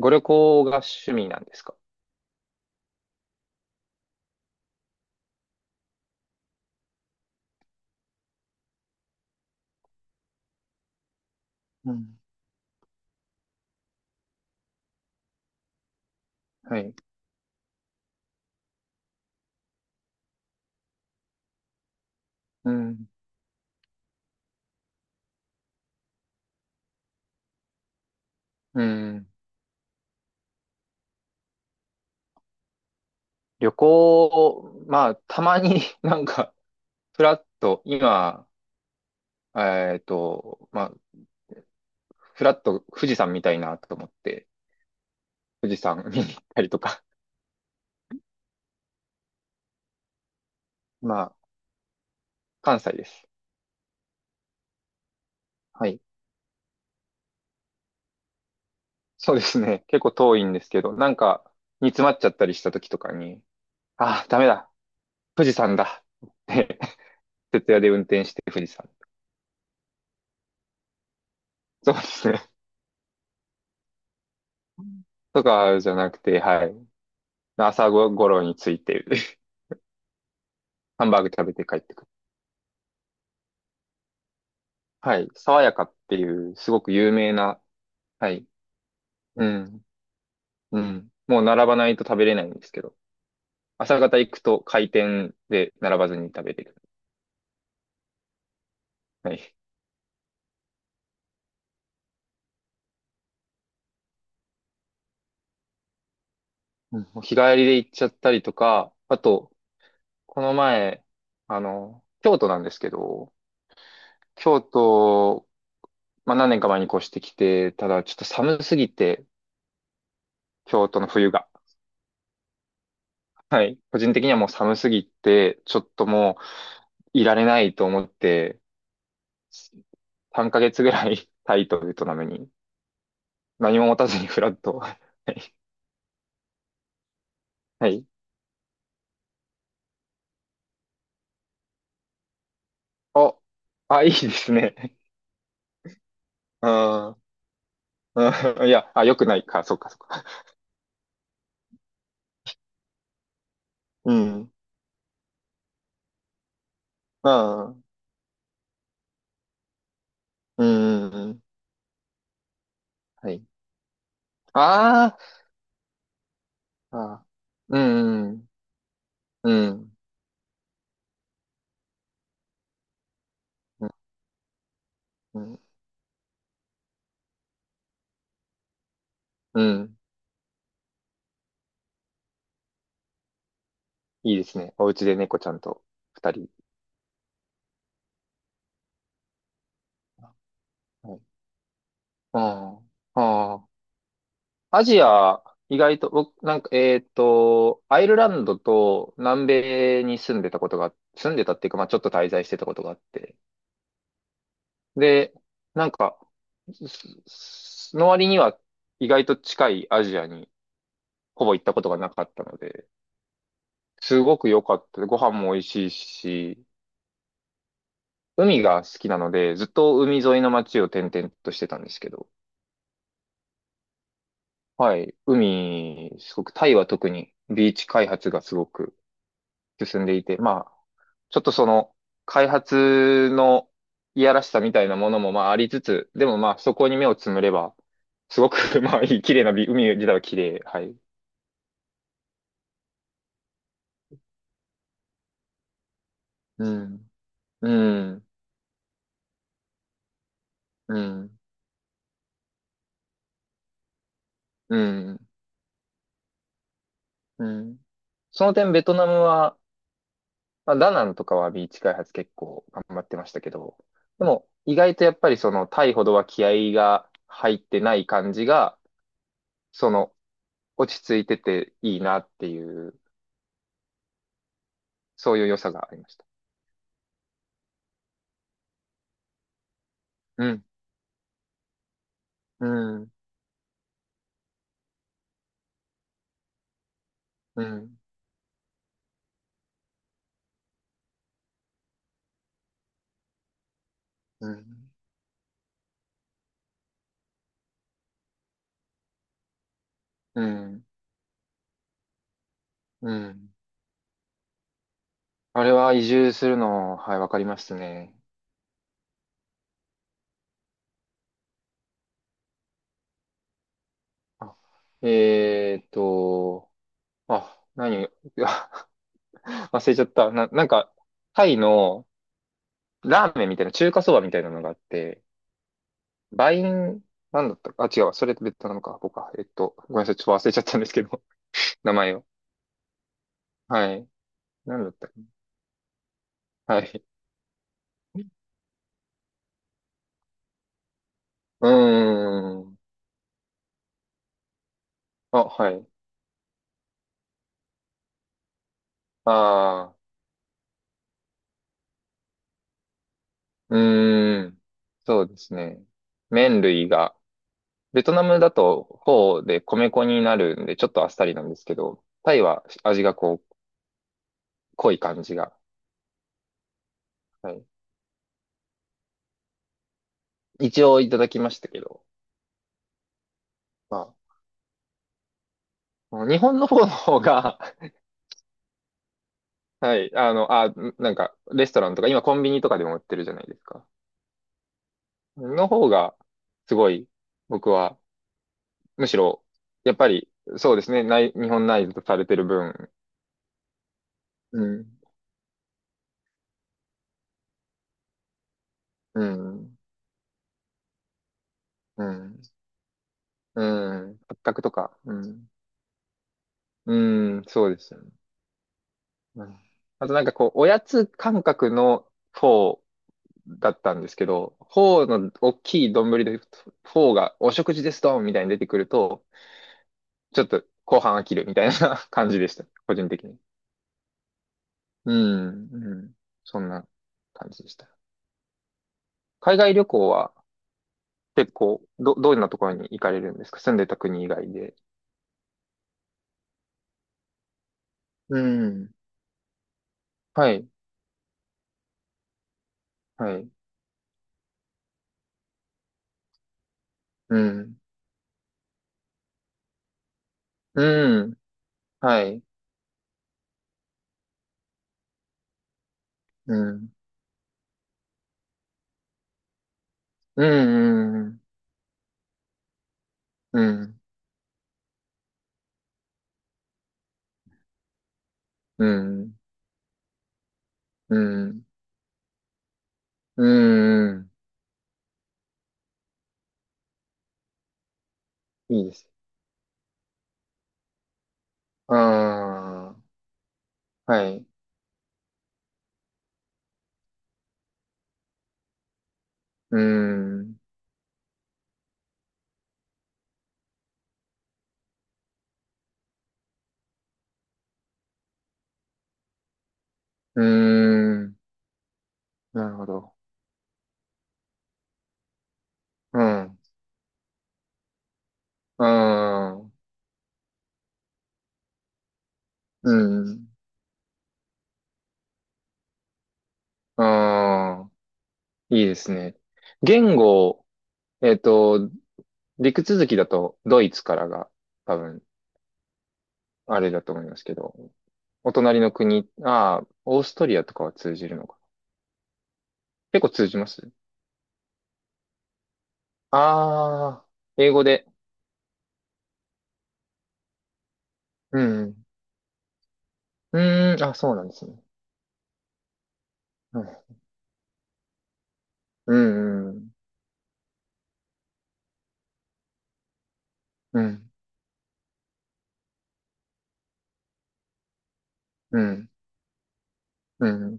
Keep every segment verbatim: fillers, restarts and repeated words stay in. ご旅行が趣味なんですか？うん。はい。うん。うん。旅行、まあ、たまに なんか、フラッと、今、えっと、まあ、フラッと富士山見たいなと思って、富士山見に行ったりとか。まあ、関西です。はい。そうですね。結構遠いんですけど、なんか、煮詰まっちゃったりした時とかに、ああ、ダメだ。富士山だ。って、徹夜で運転して富士山。そうですね。とかじゃなくて、はい。朝ごろに着いて、ハンバーグ食べて帰ってくる。はい。爽やかっていう、すごく有名な、はい。うん。うん。もう並ばないと食べれないんですけど、朝方行くと開店で並ばずに食べれる。はい。うん、もう日帰りで行っちゃったりとか、あと、この前、あの、京都なんですけど、京都、まあ、何年か前に越してきて、ただちょっと寒すぎて、京都の冬が。はい。個人的にはもう寒すぎて、ちょっともういられないと思って、さんかげつぐらい タイとベトナムに何も持たずにフラット。はい。はい。あ、あ、いいですね。うん。うん、いや、あ、良くないか。そっかそっか。うん。うん。うん。うん、はい。あーあ。うん。うん。うん。うん。うん、いいですね。お家で猫ちゃんと二人。はい。ああ。ああ。アジア、意外と、僕、なんか、えっと、アイルランドと南米に住んでたことが、住んでたっていうか、まあちょっと滞在してたことがあって。で、なんか、すすの割には意外と近いアジアにほぼ行ったことがなかったので、すごく良かった。ご飯も美味しいし、海が好きなので、ずっと海沿いの街を転々としてたんですけど、はい、海、すごく、タイは特にビーチ開発がすごく、進んでいて、まあ、ちょっとその、開発のいやらしさみたいなものもまあありつつ、でもまあそこに目をつむれば、すごく まあいい、綺麗な美、海自体は綺麗。はい。うん。うん。うん。うん。うん。その点ベトナムは、まあ、ダナンとかはビーチ開発結構頑張ってましたけど、でも意外とやっぱりそのタイほどは気合が入ってない感じが、その落ち着いてていいなっていう、そういう良さがありました。うん、うん、うん、うん、うん、うん。あれは移住するの、はい、わかりますね。あ、えーっと、あ、何、あ 忘れちゃった。な、なんか、タイのラーメンみたいな、中華そばみたいなのがあって、バイン、なんだったか、あ、違うわ、それって別なのか、僕か。えっと、ごめんなさい、ちょっと忘れちゃったんですけど、名前を。はい。なんだったかな、はい。うーん。あ、はい。ああ。うーん。そうですね。麺類が、ベトナムだとフォーで米粉になるんで、ちょっとあっさりなんですけど、タイは味がこう、濃い感じが。はい。一応いただきましたけど、まあ、日本のフォーの方が、はい、あの、あ、なんか、レストランとか、今コンビニとかでも売ってるじゃないですか。の方が、すごい、僕は、むしろ、やっぱり、そうですね、ない、日本内ズとされてる分、うん、うん、うん。うん。圧迫とか。うん。うん、そうですよね。うん。あとなんかこう、おやつ感覚のフォーだったんですけど、フォーの大きい丼で、フォーがお食事ですドンみたいに出てくると、ちょっと後半飽きるみたいな 感じでした。個人的に。うん、うん。そんな感じでした。海外旅行は結構、ど、どんなところに行かれるんですか？住んでた国以外で。うん。はい、はい。うん。うん。はい。うん。うん、うん、うん、うん、うん、うん、いいです。ああ、はい。うん、うん、なるほど。うん、ああ、うん、ああ、いいですね。言語、えっと、陸続きだとドイツからが多分、あれだと思いますけど、お隣の国、ああ、オーストリアとかは通じるのか。結構通じます。ああー、英語で。うん。うーん、あ、そうなんですね。うん、うん、うん、うん、うん。うん、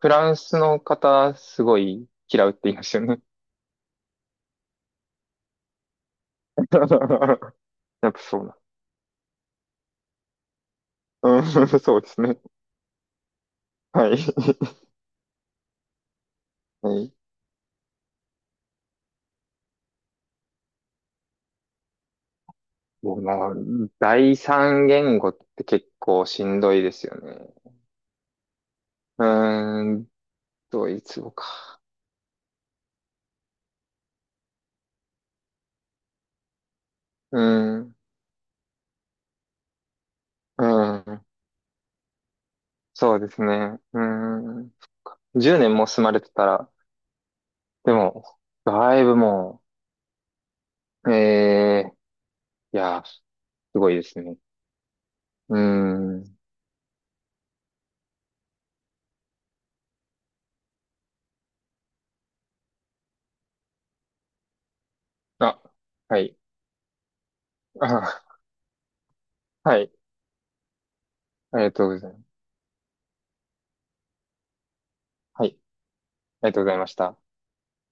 フランスの方、すごい嫌うって言いましたよね。やっぱそうな。うん、そうですね。はい。はい。もうな、第三言語って結構しんどいですよね。うーん、ドイツ語か。うーん、うーん、そうですね。うーん。じゅうねんも住まれてたら、でも、だいぶもう、ええいや、すごいですね。うーん。あ、はい。あ、はい。ありがとうございます。はい。ありがとうございました。